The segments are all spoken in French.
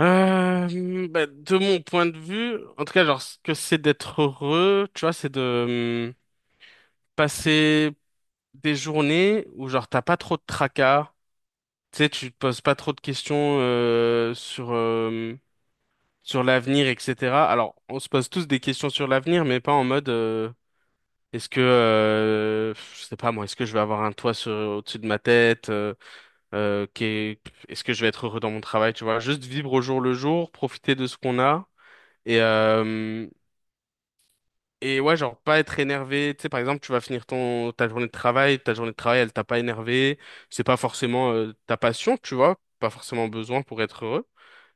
Bah, de mon point de vue, en tout cas, genre, ce que c'est d'être heureux, tu vois, c'est de passer des journées où, genre, t'as pas trop de tracas, tu sais, tu te poses pas trop de questions sur, sur l'avenir, etc. Alors, on se pose tous des questions sur l'avenir, mais pas en mode, je sais pas moi, est-ce que je vais avoir un toit au-dessus de ma tête, euh, qu'est- est-ce que je vais être heureux dans mon travail, tu vois, juste vivre au jour le jour, profiter de ce qu'on a. Et, euh, et ouais, genre pas être énervé. Tu sais, par exemple, tu vas finir ta journée de travail, elle t'a pas énervé. C'est pas forcément ta passion, tu vois, pas forcément besoin pour être heureux.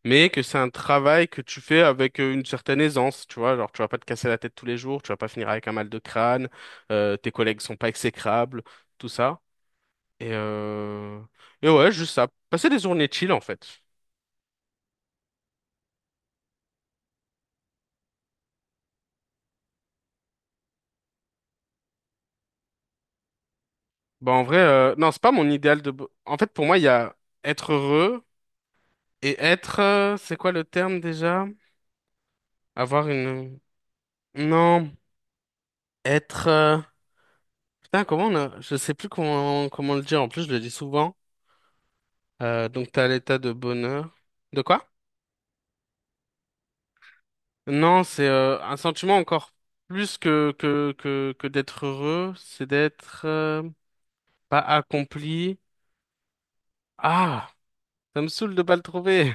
Mais que c'est un travail que tu fais avec une certaine aisance, tu vois. Genre, tu vas pas te casser la tête tous les jours, tu vas pas finir avec un mal de crâne, tes collègues sont pas exécrables, tout ça. Et, euh... et ouais, juste ça. Passer des journées chill, en fait. Bah, en vrai, non, c'est pas mon idéal de. En fait, pour moi, il y a être heureux. Et être, c'est quoi le terme déjà? Avoir une... Non, être... Putain, comment on a... Je sais plus comment le dire, en plus je le dis souvent. Donc t'as l'état de bonheur. De quoi? Non, c'est un sentiment encore plus que d'être heureux, c'est d'être pas accompli. Ah, ça me saoule de pas le trouver.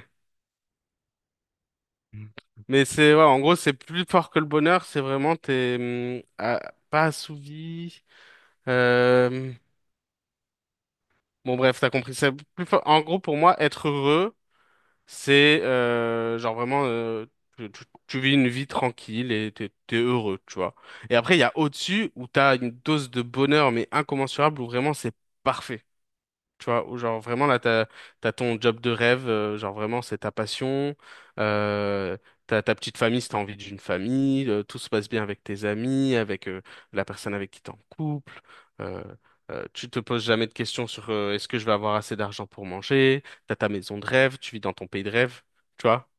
Mais c'est, ouais, en gros, c'est plus fort que le bonheur, c'est vraiment t'es pas assouvi. Euh, Bon bref, t'as compris. En gros, pour moi, être heureux, c'est genre vraiment tu vis une vie tranquille et t'es heureux, tu vois. Et après, il y a au-dessus où t'as une dose de bonheur mais incommensurable où vraiment c'est parfait. Tu vois, ou genre vraiment là, t'as ton job de rêve, genre vraiment c'est ta passion, euh, t'as ta petite famille si t'as envie d'une famille, tout se passe bien avec tes amis, avec la personne avec qui t'es en couple, euh, tu te poses jamais de questions sur est-ce que je vais avoir assez d'argent pour manger, t'as ta maison de rêve, tu vis dans ton pays de rêve, tu vois?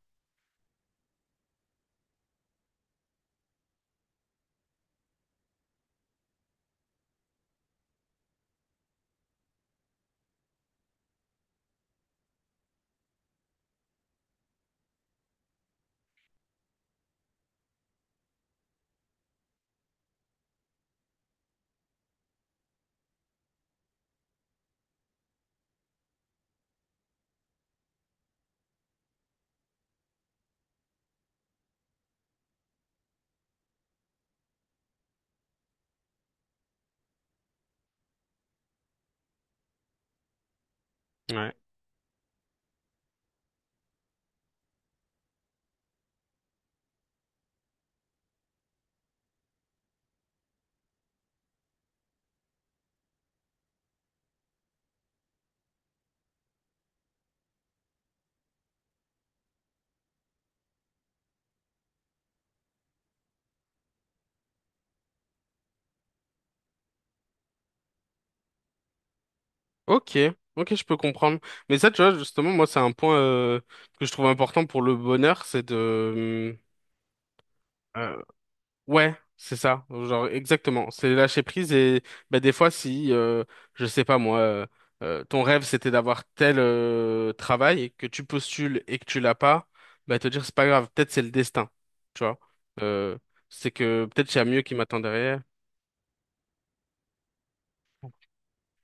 Ouais. Ok, ok, je peux comprendre. Mais ça, tu vois, justement, moi, c'est un point que je trouve important pour le bonheur, c'est de... Ouais, c'est ça, genre exactement. C'est lâcher prise et bah, des fois si je sais pas moi, ton rêve c'était d'avoir tel travail et que tu postules et que tu l'as pas, bah te dire c'est pas grave, peut-être c'est le destin, tu vois. Euh, c'est que peut-être il y a mieux qui m'attend derrière.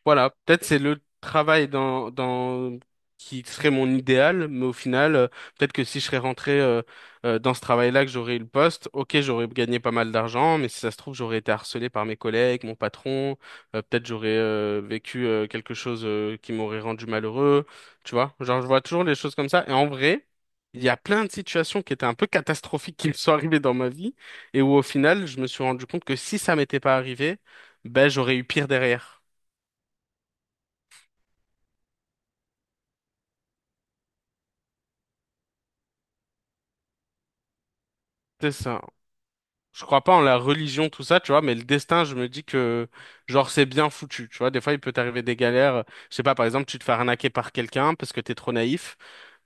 Voilà, peut-être c'est le travail dans qui serait mon idéal, mais au final, peut-être que si je serais rentré dans ce travail-là, que j'aurais eu le poste, ok, j'aurais gagné pas mal d'argent, mais si ça se trouve, j'aurais été harcelé par mes collègues, mon patron, peut-être j'aurais vécu quelque chose qui m'aurait rendu malheureux, tu vois. Genre, je vois toujours les choses comme ça, et en vrai, il y a plein de situations qui étaient un peu catastrophiques qui me sont arrivées dans ma vie, et où au final, je me suis rendu compte que si ça m'était pas arrivé, ben j'aurais eu pire derrière. C'est ça. Je crois pas en la religion, tout ça, tu vois, mais le destin, je me dis que, genre, c'est bien foutu, tu vois. Des fois, il peut t'arriver des galères. Je sais pas, par exemple, tu te fais arnaquer par quelqu'un parce que t'es trop naïf.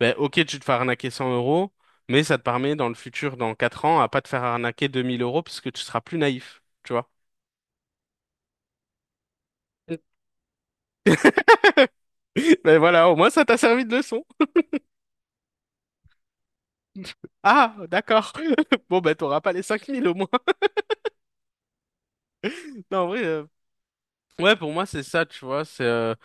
Ben, ok, tu te fais arnaquer 100 euros, mais ça te permet, dans le futur, dans 4 ans, à pas te faire arnaquer 2 000 euros parce que tu seras plus naïf, tu vois. Ben voilà, au moins, ça t'a servi de leçon. Ah, d'accord. Bon, ben, t'auras pas les 5 000 au moins. Non, en vrai, ouais, pour moi, c'est ça, tu vois. C'est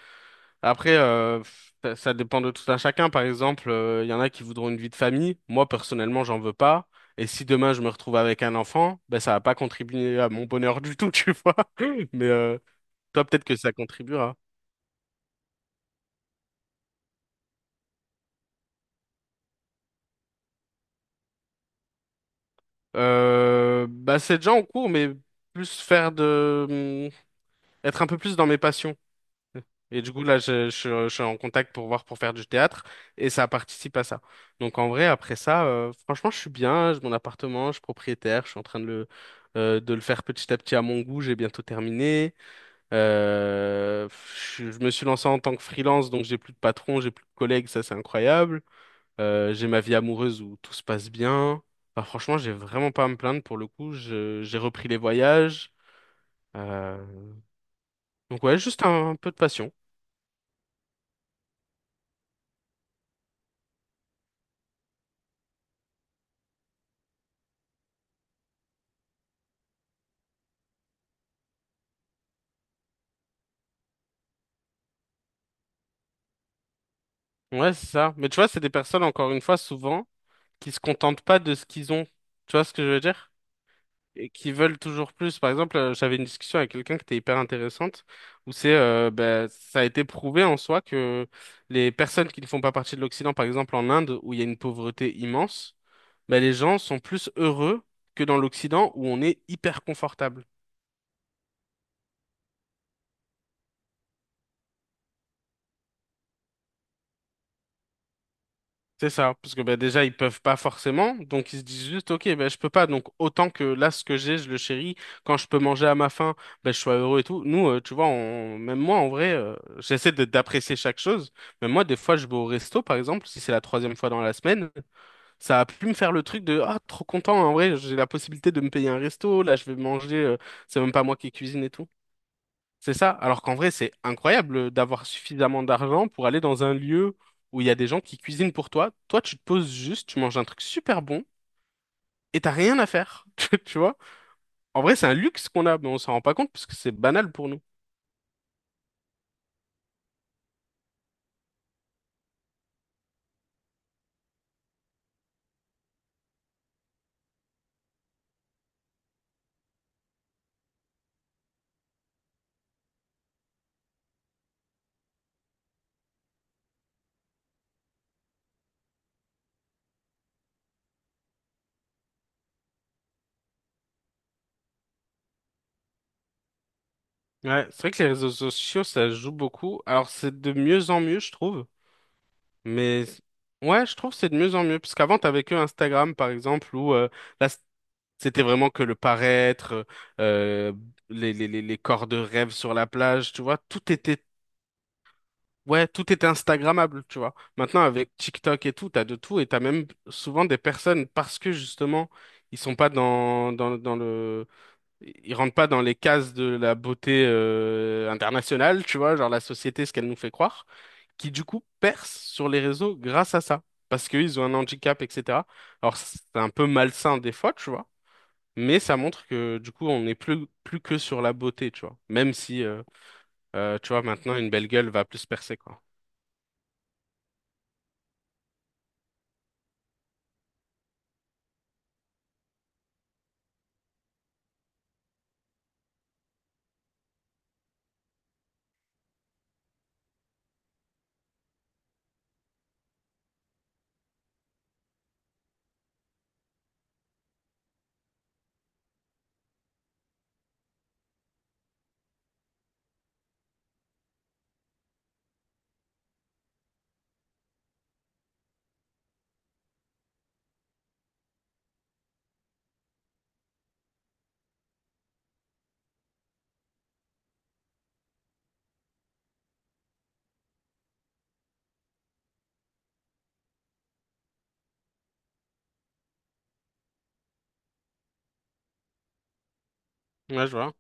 Après, ça ça dépend de tout un chacun. Par exemple, il y en a qui voudront une vie de famille. Moi, personnellement, j'en veux pas. Et si demain je me retrouve avec un enfant, ben ça va pas contribuer à mon bonheur du tout, tu vois. Mais toi, peut-être que ça contribuera. Bah, c'est déjà en cours, mais plus faire être un peu plus dans mes passions. Et du coup, là, je suis en contact pour voir pour faire du théâtre et ça participe à ça. Donc, en vrai, après ça, franchement, je suis bien. J'ai mon appartement, je suis propriétaire, je suis en train de le faire petit à petit à mon goût. J'ai bientôt terminé. Euh, je me suis lancé en tant que freelance, donc j'ai plus de patron, j'ai plus de collègues, ça, c'est incroyable. J'ai ma vie amoureuse où tout se passe bien. Enfin, franchement, j'ai vraiment pas à me plaindre pour le coup. J'ai repris les voyages. Euh, donc, ouais, juste un peu de passion. Ouais, c'est ça. Mais tu vois, c'est des personnes, encore une fois, souvent, qui se contentent pas de ce qu'ils ont. Tu vois ce que je veux dire? Et qui veulent toujours plus. Par exemple, j'avais une discussion avec quelqu'un qui était hyper intéressante, où ben, ça a été prouvé en soi que les personnes qui ne font pas partie de l'Occident, par exemple en Inde, où il y a une pauvreté immense, ben, les gens sont plus heureux que dans l'Occident, où on est hyper confortable. C'est ça, parce que bah, déjà ils peuvent pas forcément, donc ils se disent juste ok, ben je peux pas, donc autant que là ce que j'ai, je le chéris. Quand je peux manger à ma faim, ben je suis heureux et tout. Nous, tu vois, on- même moi en vrai, j'essaie de d'apprécier chaque chose. Mais moi, des fois, je vais au resto par exemple, si c'est la troisième fois dans la semaine, ça a pu me faire le truc de ah trop content hein, en vrai, j'ai la possibilité de me payer un resto, là je vais manger, c'est même pas moi qui cuisine et tout. C'est ça. Alors qu'en vrai, c'est incroyable d'avoir suffisamment d'argent pour aller dans un lieu où il y a des gens qui cuisinent pour toi. Toi, tu te poses juste, tu manges un truc super bon et t'as rien à faire. Tu vois? En vrai, c'est un luxe qu'on a, mais on s'en rend pas compte parce que c'est banal pour nous. Ouais, c'est vrai que les réseaux sociaux, ça joue beaucoup. Alors, c'est de mieux en mieux, je trouve. Mais ouais, je trouve que c'est de mieux en mieux. Parce qu'avant, t'avais que Instagram, par exemple, où là, c'était vraiment que le paraître, euh, les corps de rêve sur la plage, tu vois, tout était. Ouais, tout était Instagrammable, tu vois. Maintenant, avec TikTok et tout, t'as de tout et t'as même souvent des personnes parce que justement, ils sont pas ils rentrent pas dans les cases de la beauté internationale, tu vois, genre la société, ce qu'elle nous fait croire, qui du coup percent sur les réseaux grâce à ça, parce qu'ils ont un handicap, etc. Alors c'est un peu malsain des fois, tu vois, mais ça montre que du coup, on n'est plus plus que sur la beauté, tu vois, même si tu vois, maintenant, une belle gueule va plus percer, quoi. Ouais, je vois.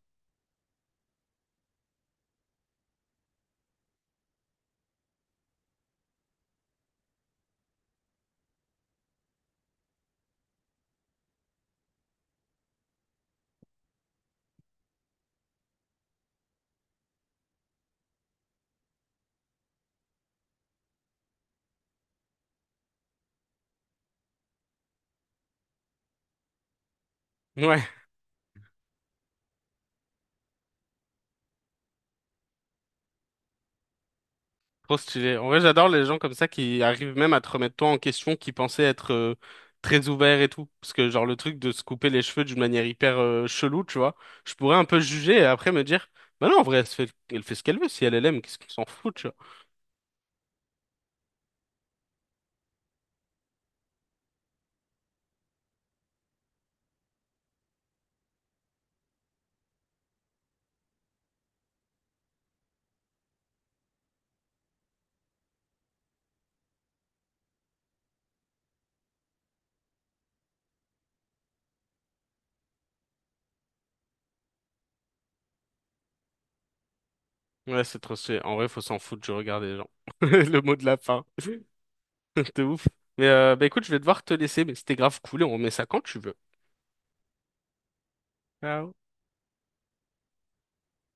Ouais, trop stylé. En vrai, j'adore les gens comme ça qui arrivent même à te remettre toi en question, qui pensaient être très ouverts et tout. Parce que, genre, le truc de se couper les cheveux d'une manière hyper chelou, tu vois, je pourrais un peu juger et après me dire, bah non, en vrai, elle se fait, elle fait ce qu'elle veut. Si elle elle aime, qu'est-ce qu'on s'en fout, tu vois. Ouais, c'est trop stylé. En vrai, faut s'en foutre, je regarde les gens. Le mot de la fin. De ouf. Mais bah écoute, je vais devoir te laisser, mais c'était grave cool et on remet ça quand tu veux. Ciao.